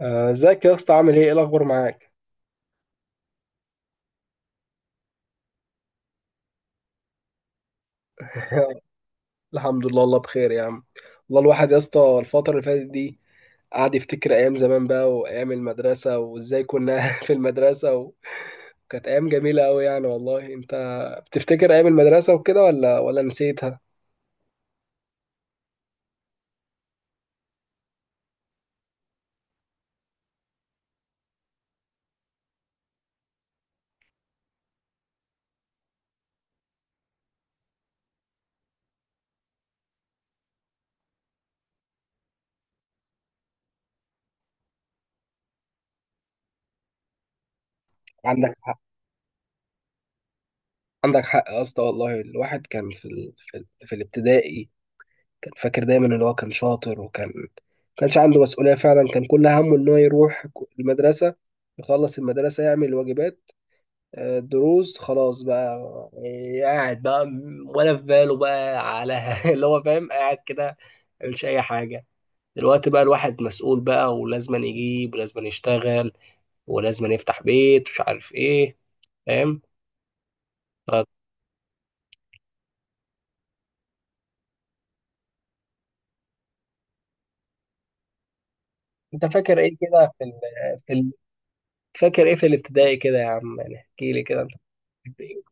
آه، ازيك يا اسطى عامل ايه الاخبار معاك. الحمد لله الله بخير يا عم. والله الواحد يا اسطى الفتره اللي فاتت دي قعد يفتكر ايام زمان بقى وايام المدرسه وازاي كنا في المدرسه، وكانت ايام جميله قوي يعني. والله انت بتفتكر ايام المدرسه وكده ولا نسيتها؟ عندك حق. عندك حق يا اسطى، والله الواحد كان في الابتدائي، كان فاكر دايما ان هو كان شاطر، وكان ما كانش عنده مسؤوليه فعلا. كان كل همه ان هو يروح المدرسه، يخلص المدرسه، يعمل واجبات، دروس، خلاص بقى. يعني قاعد بقى، ولا في باله بقى على اللي هو فاهم، قاعد كده، مش اي حاجه. دلوقتي بقى الواحد مسؤول بقى، ولازم يجيب ولازم يشتغل ولازم يفتح بيت، مش عارف ايه. فاهم. طب انت فاكر ايه كده في ال... فاكر ايه في الابتدائي كده يا عم؟ يعني احكي لي كده، انت كنت إيه؟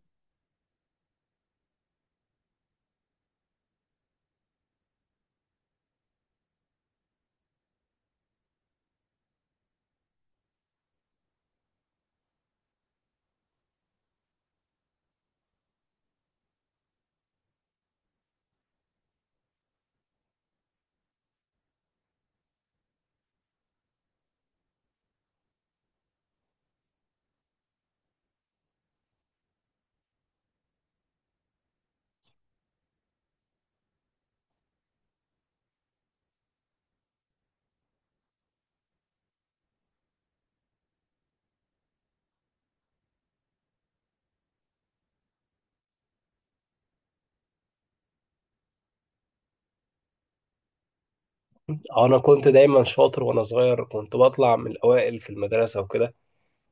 انا كنت دايما شاطر وانا صغير، كنت بطلع من الاوائل في المدرسه وكده.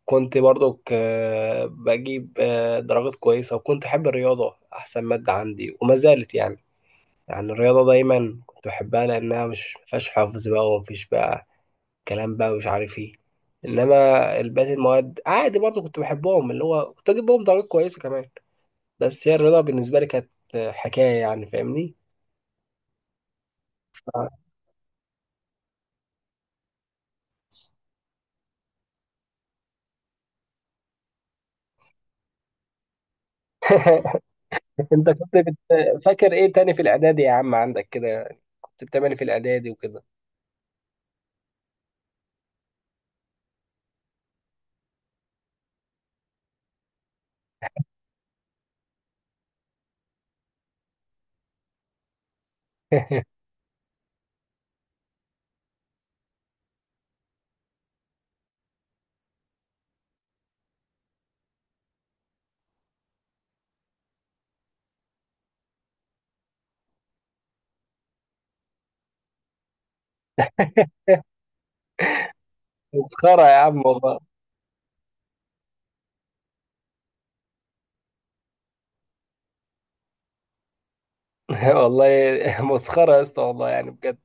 كنت برضو بجيب درجات كويسة، وكنت أحب الرياضة، أحسن مادة عندي وما زالت يعني. يعني الرياضة دايما كنت بحبها، لأنها مش مفيهاش حفظ بقى ومفيش بقى كلام بقى، مش عارف ايه. إنما الباقي المواد عادي برضو كنت بحبهم، اللي هو كنت أجيب بهم درجات كويسة كمان، بس هي الرياضة بالنسبة لي كانت حكاية يعني، فاهمني؟ آه. أنت كنت فاكر إيه تاني في الإعدادي يا عم عندك كده؟ كنت بتعمل إيه في الإعدادي وكده؟ مسخرة يا عم والله. والله مسخرة يا اسطى والله يعني بجد.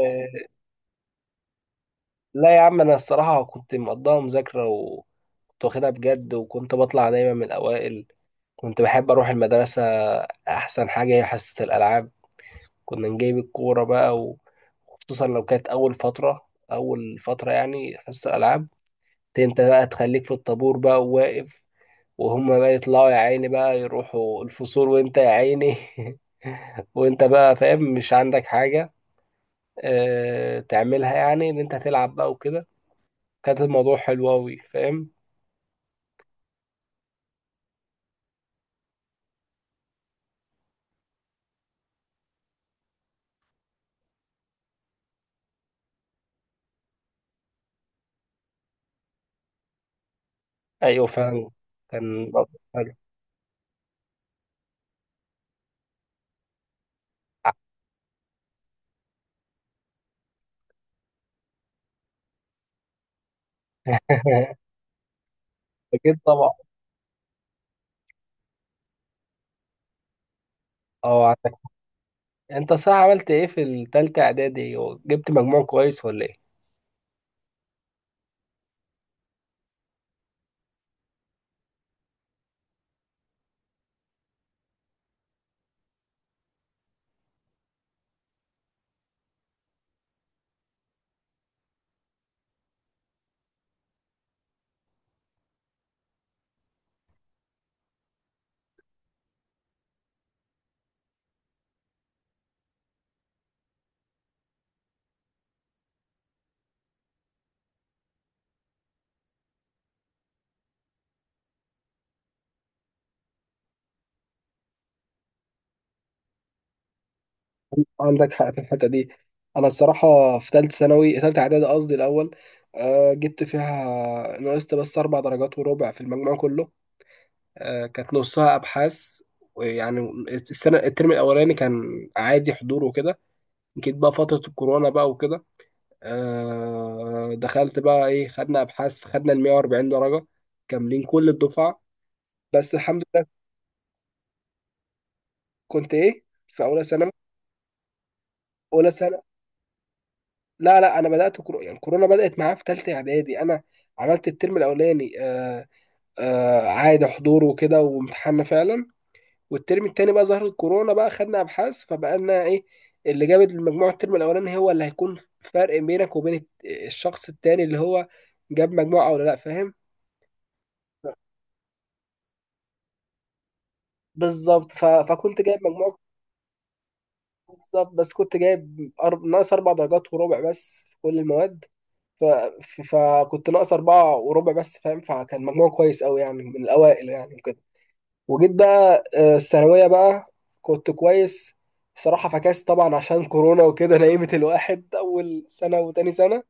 آه، لا يا عم، أنا الصراحة كنت مقضاها مذاكرة وكنت واخدها بجد، وكنت بطلع دايما من الأوائل. كنت بحب أروح المدرسة. أحسن حاجة هي حصة الألعاب، كنا نجيب الكورة بقى، وخصوصا لو كانت أول فترة. أول فترة يعني حصة الألعاب دي، أنت بقى تخليك في الطابور بقى وواقف، وهما بقى يطلعوا يا عيني بقى يروحوا الفصول وأنت يا عيني، وأنت بقى فاهم مش عندك حاجة تعملها، يعني ان انت هتلعب بقى وكده. كانت الموضوع حلو قوي، فاهم. ايوه فعلا، كان الموضوع حلو. اكيد طبعا. اه عندك. انت صح عملت ايه في التالتة اعدادي وجبت مجموع كويس ولا ايه؟ عندك حق في الحته دي. انا الصراحه في ثالثه ثانوي، ثالثه اعدادي قصدي، الاول جبت فيها، نقصت بس 4 درجات وربع في المجموع كله. كانت نصها ابحاث، ويعني السنه، الترم الاولاني كان عادي حضور وكده. جيت بقى فترة الكورونا بقى وكده، دخلت بقى ايه، خدنا ابحاث فخدنا ال 140 درجة كاملين كل الدفعة. بس الحمد لله. كنت ايه في اولى ثانوي، اولى سنة؟ لا لا، انا بدأت يعني كورونا بدأت معايا في ثالثة اعدادي انا. عملت الترم الاولاني عادي حضور وكده، وامتحاننا فعلا، والترم التاني بقى ظهرت الكورونا بقى، خدنا ابحاث فبقى لنا ايه اللي جابت المجموع. الترم الاولاني هو اللي هيكون فرق بينك وبين الشخص التاني اللي هو جاب مجموعة او لا، فاهم. بالظبط، فكنت جايب مجموع. بالظبط بس كنت جايب ناقص 4 درجات وربع بس في كل المواد، فكنت ناقص 4 وربع بس، فاهم، فكان مجموع كويس أوي يعني، من الأوائل يعني وكده. وجيت بقى الثانوية بقى، كنت كويس صراحة، فكاس طبعا عشان كورونا وكده. نيمت الواحد أول سنة وتاني سنة.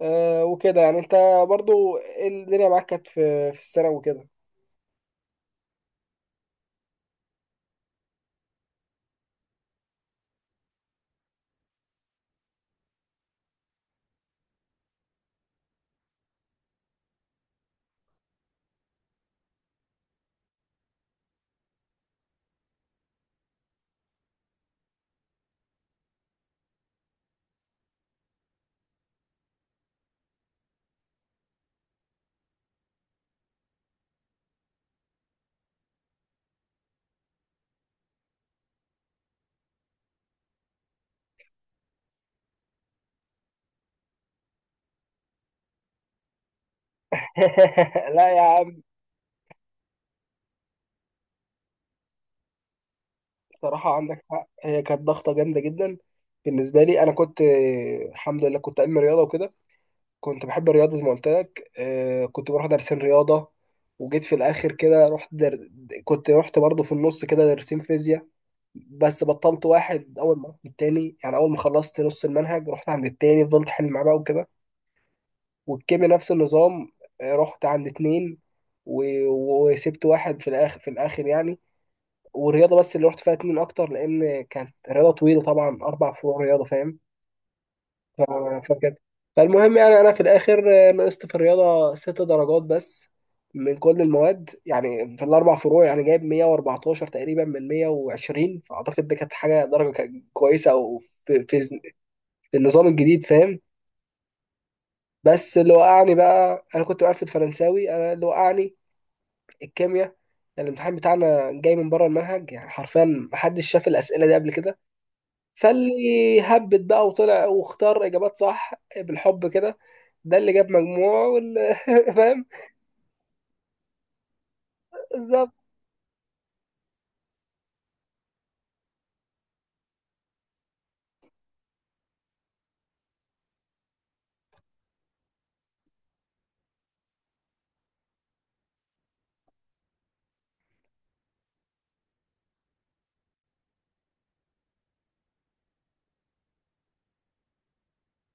وكده يعني. أنت برضو إيه الدنيا معاك كانت في في السنة وكده؟ لا يا عم، صراحة عندك حق، هي كانت ضغطة جامدة جدا. بالنسبة لي أنا كنت الحمد لله كنت علم رياضة وكده. كنت بحب الرياضة زي ما قلت لك. كنت بروح دارسين رياضة، وجيت في الآخر كده رحت كنت رحت برضه في النص كده دارسين فيزياء. بس بطلت واحد أول ما رحت التاني، يعني أول ما خلصت نص المنهج رحت عند التاني، فضلت أحل معاه بقى وكده. والكيمياء نفس النظام. رحت عند اتنين و... وسبت واحد في الآخر، في الآخر يعني. والرياضه بس اللي رحت فيها اتنين اكتر، لان كانت رياضه طويله طبعا، اربع فروع رياضه، فاهم. ف- فكانت، فالمهم يعني، انا في الاخر نقصت في الرياضه 6 درجات بس من كل المواد، يعني في الاربع فروع يعني جايب 114 تقريبا من 120، فاعتقد دي كانت حاجه، درجه كانت كويسه، او في, في, في النظام الجديد، فاهم. بس اللي وقعني بقى، انا كنت بقفل فرنساوي، انا اللي وقعني الكيمياء. يعني الامتحان بتاعنا جاي من بره المنهج يعني حرفيا، محدش شاف الاسئله دي قبل كده. فاللي هبت بقى وطلع واختار اجابات صح بالحب كده، ده اللي جاب مجموع فاهم. بالظبط.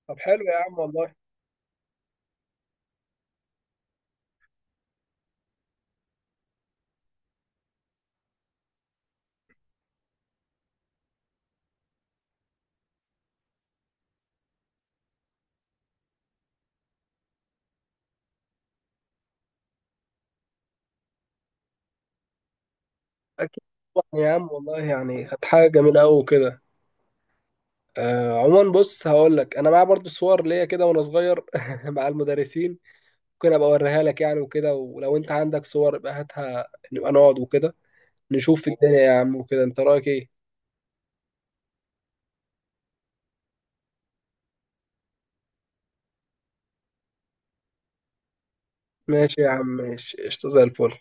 طب حلو يا عم والله. اكيد طبعاً يا عم والله يعني كانت حاجه جميله قوي كده. عموما، بص هقول لك، انا معايا برضو صور ليا كده وانا صغير مع المدرسين. ممكن ابقى اوريها لك يعني وكده، ولو انت عندك صور يبقى هاتها نبقى نقعد وكده، نشوف الدنيا يا عم وكده. انت رايك ايه؟ ماشي يا عم ماشي، قشطه زي الفل.